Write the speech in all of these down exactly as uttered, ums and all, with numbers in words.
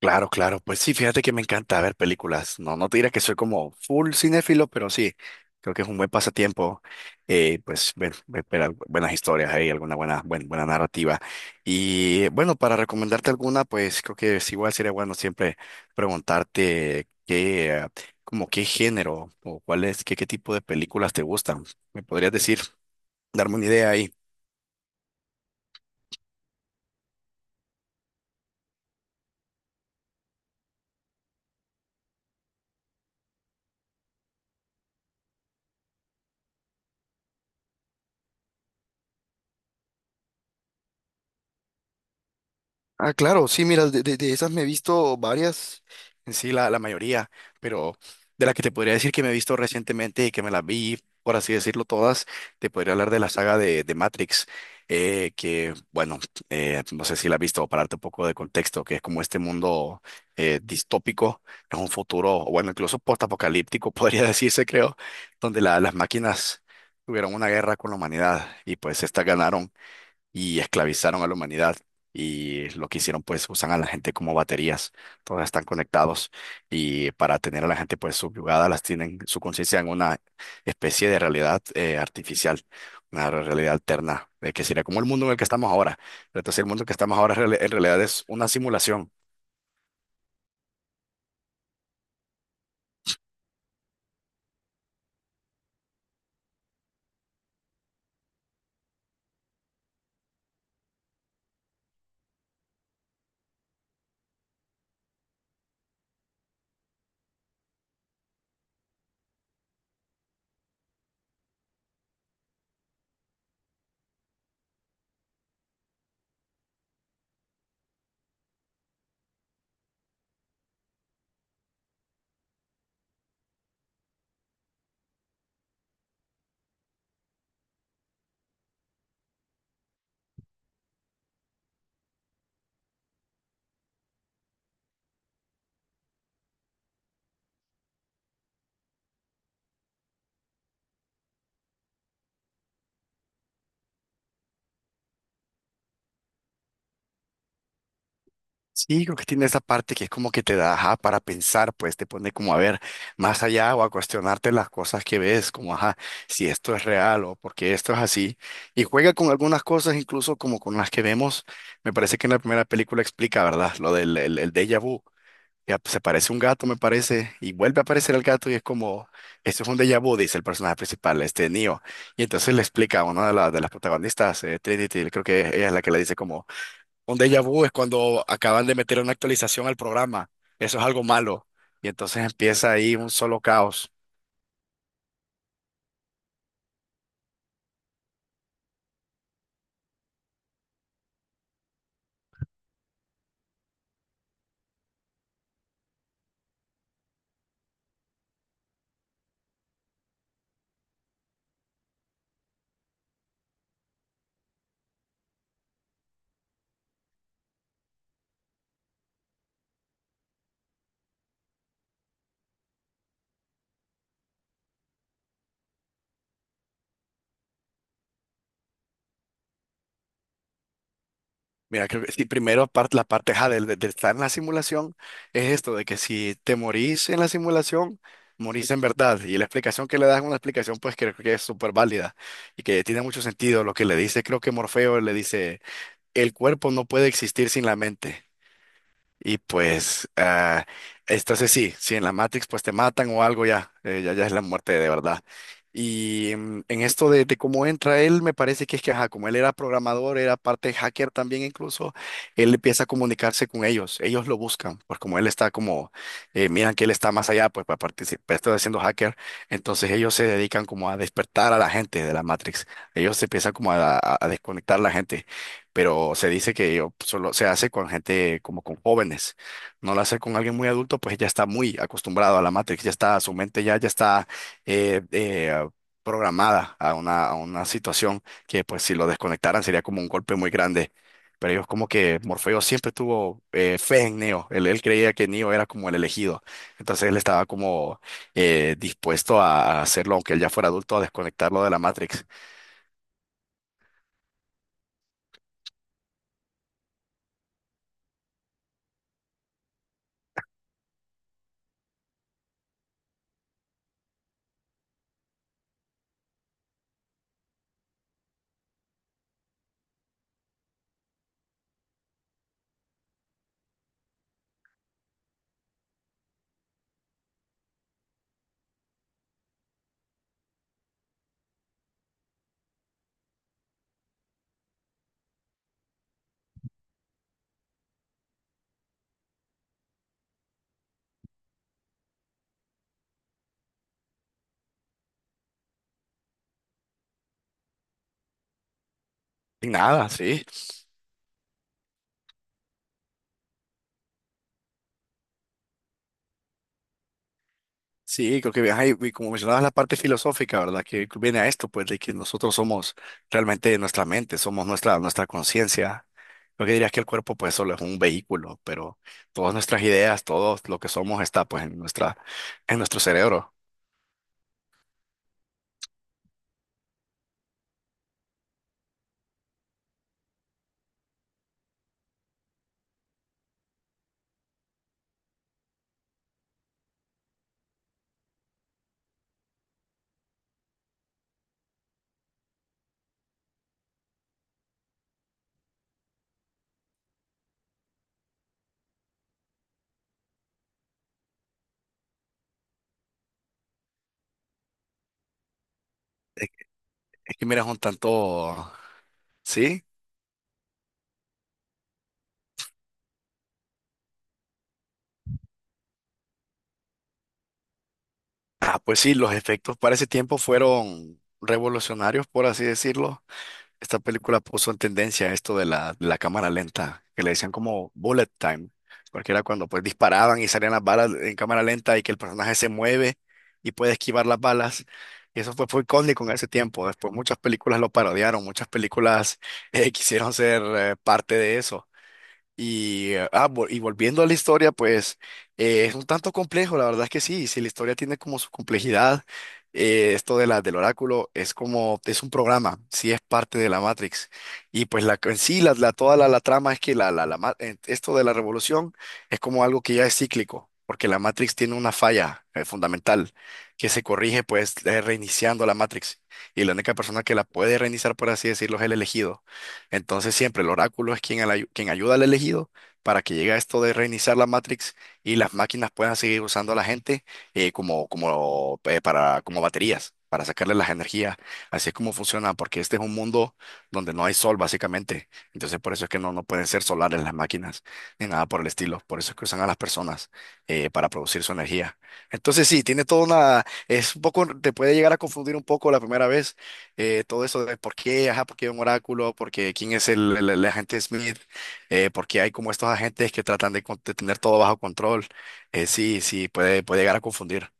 Claro, claro, pues sí, fíjate que me encanta ver películas. No, no te diré que soy como full cinéfilo, pero sí, creo que es un buen pasatiempo. eh, pues ver, ver- ver al- buenas historias ahí, alguna buena, buen- buena narrativa. Y bueno, para recomendarte alguna, pues creo que es igual sería bueno siempre preguntarte qué, eh, como qué género o cuál es, qué, qué tipo de películas te gustan. ¿Me podrías decir, darme una idea ahí? Ah, claro, sí, mira, de, de- de esas me he visto varias, en sí, la, la mayoría, pero de la que te podría decir que me he visto recientemente y que me las vi, por así decirlo, todas, te podría hablar de la saga de, de Matrix, eh, que, bueno, eh, no sé si la has visto, para darte un poco de contexto, que es como este mundo eh, distópico, es un futuro, o bueno, incluso postapocalíptico, podría decirse, creo, donde la- las máquinas tuvieron una guerra con la humanidad y pues estas ganaron y esclavizaron a la humanidad. Y lo que hicieron, pues, usan a la gente como baterías. Todas están conectados y para tener a la gente, pues, subyugada, las tienen su conciencia en una especie de realidad eh, artificial, una realidad alterna, eh, que sería como el mundo en el que estamos ahora. Pero entonces, el mundo en el que estamos ahora en en realidad es una simulación. Sí, creo que tiene esa parte que es como que te da ajá, para pensar, pues te pone como a ver más allá o a cuestionarte las cosas que ves, como ajá, si esto es real o por qué esto es así. Y juega con algunas cosas, incluso como con las que vemos. Me parece que en la primera película explica, ¿verdad? Lo del el, el déjà vu. Ya, pues, se parece un gato, me parece, y vuelve a aparecer el gato y es como, esto es un déjà vu, dice el personaje principal, este Neo. Y entonces le explica a una de, la- de las protagonistas, eh, Trinity, creo que ella es la que le dice como. Un déjà vu es cuando acaban de meter una actualización al programa. Eso es algo malo. Y entonces empieza ahí un solo caos. Mira, creo que sí, primero apar- la parte ja, del- del- de, estar en la simulación es esto, de que si te morís en la simulación, morís en verdad. Y la explicación que le das es una explicación pues creo que es súper válida y que tiene mucho sentido. Lo que le dice, creo que Morfeo le dice, el cuerpo no puede existir sin la mente. Y pues, ah, entonces sí, sí, en la Matrix pues te matan o algo ya, eh, ya, ya es la muerte de verdad. Y mm, en esto de, de cómo entra él, me parece que es que, ajá, como él era programador, era parte hacker también incluso, él empieza a comunicarse con ellos, ellos lo buscan, pues como él está como, eh, miran que él está más allá, pues para participar, está siendo hacker, entonces ellos se dedican como a despertar a la gente de la Matrix, ellos se empiezan como a, a a desconectar a la gente, pero se dice que o, solo se hace con gente como con jóvenes, no la hace con alguien muy adulto, pues ya está muy acostumbrado a la Matrix, ya está, su mente ya, ya está eh, eh, programada a una, a una situación que pues si lo desconectaran sería como un golpe muy grande. Pero ellos como que Morfeo siempre tuvo eh, fe en Neo, él, él creía que Neo era como el elegido, entonces él estaba como eh, dispuesto a a hacerlo, aunque él ya fuera adulto, a desconectarlo de la Matrix. Y nada, sí. Sí, creo que ajá, y y como mencionabas la parte filosófica, ¿verdad? Que viene a esto, pues, de que nosotros somos realmente nuestra mente, somos nuestra, nuestra conciencia. Lo que dirías que el cuerpo, pues, solo es un vehículo, pero todas nuestras ideas, todo lo que somos está, pues, en nuestra, en nuestro cerebro. Es que miras un tanto, ¿sí? Ah, pues sí, los efectos para ese tiempo fueron revolucionarios, por así decirlo. Esta película puso en tendencia esto de la, de la cámara lenta, que le decían como bullet time, porque era cuando pues disparaban y salían las balas en cámara lenta y que el personaje se mueve y puede esquivar las balas. Y eso fue, fue icónico en ese tiempo. Después muchas películas lo parodiaron, muchas películas eh, quisieron ser eh, parte de eso. Y, eh, ah, vol- y volviendo a la historia, pues eh, es un tanto complejo, la verdad es que sí, si la historia tiene como su complejidad, eh, esto de la, del oráculo es como, es un programa, sí es parte de la Matrix. Y pues la, en sí, la, la- toda la, la trama es que la, la, la ma- eh, esto de la revolución es como algo que ya es cíclico, porque la Matrix tiene una falla eh, fundamental que se corrige pues eh, reiniciando la Matrix. Y la única persona que la puede reiniciar, por así decirlo, es el elegido. Entonces siempre el oráculo es quien, al ayu- quien ayuda al elegido para que llegue a esto de reiniciar la Matrix y las máquinas puedan seguir usando a la gente eh, como, como, eh, para, como baterías, para sacarle las energías. Así es como funciona, porque este es un mundo donde no hay sol básicamente. Entonces por eso es que no, no pueden ser solares las máquinas ni nada por el estilo. Por eso es que usan a las personas eh, para producir su energía. Entonces sí, tiene toda una... Es un poco, te puede llegar a confundir un poco la primera vez eh, todo eso de por qué, ajá, por qué un oráculo, por qué quién es el, el- el agente Smith, eh, por qué hay como estos agentes que tratan de, con- de tener todo bajo control. Eh, sí, sí, puede, puede llegar a confundir.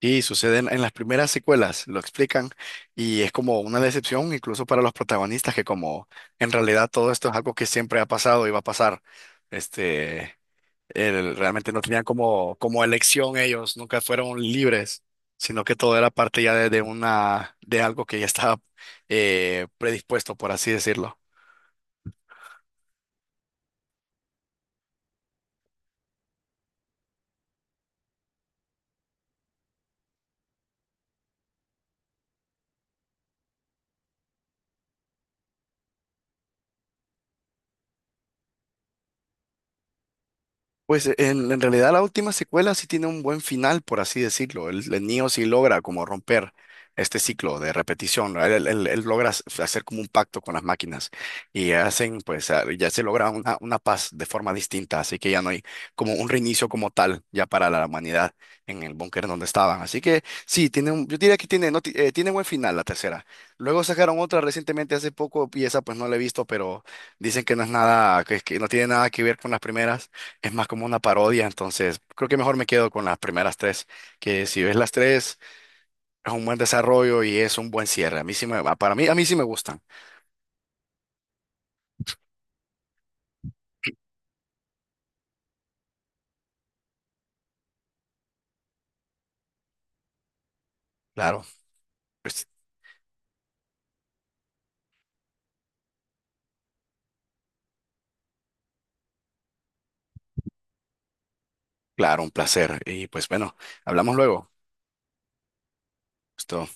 Y sucede en, en las primeras secuelas, lo explican, y es como una decepción incluso para los protagonistas, que como en realidad todo esto es algo que siempre ha pasado y va a pasar. Este. El- realmente no tenían como, como elección ellos, nunca fueron libres, sino que todo era parte ya de, de una, de algo que ya estaba eh, predispuesto, por así decirlo. Pues eh, en, en realidad la última secuela sí tiene un buen final, por así decirlo. El, el Neo sí logra como romper este ciclo de repetición. ¿No? Él, él- él- él logra s- hacer como un pacto con las máquinas y hacen, pues ah, ya se logra una, una paz de forma distinta. Así que ya no hay como un reinicio como tal ya para la humanidad en el búnker donde estaban. Así que sí, tiene un- yo diría que tiene, no, ti- eh, tiene buen final la tercera. Luego sacaron otra recientemente hace poco y esa pues no la he visto, pero dicen que no es nada, que que no tiene nada que ver con las primeras, es más como una parodia, entonces creo que mejor me quedo con las primeras tres, que si ves las tres, es un buen desarrollo y es un buen cierre. A mí sí me, va- para mí, a mí sí me gustan. Claro, pues, claro, un placer. Y pues bueno, hablamos luego. Esto.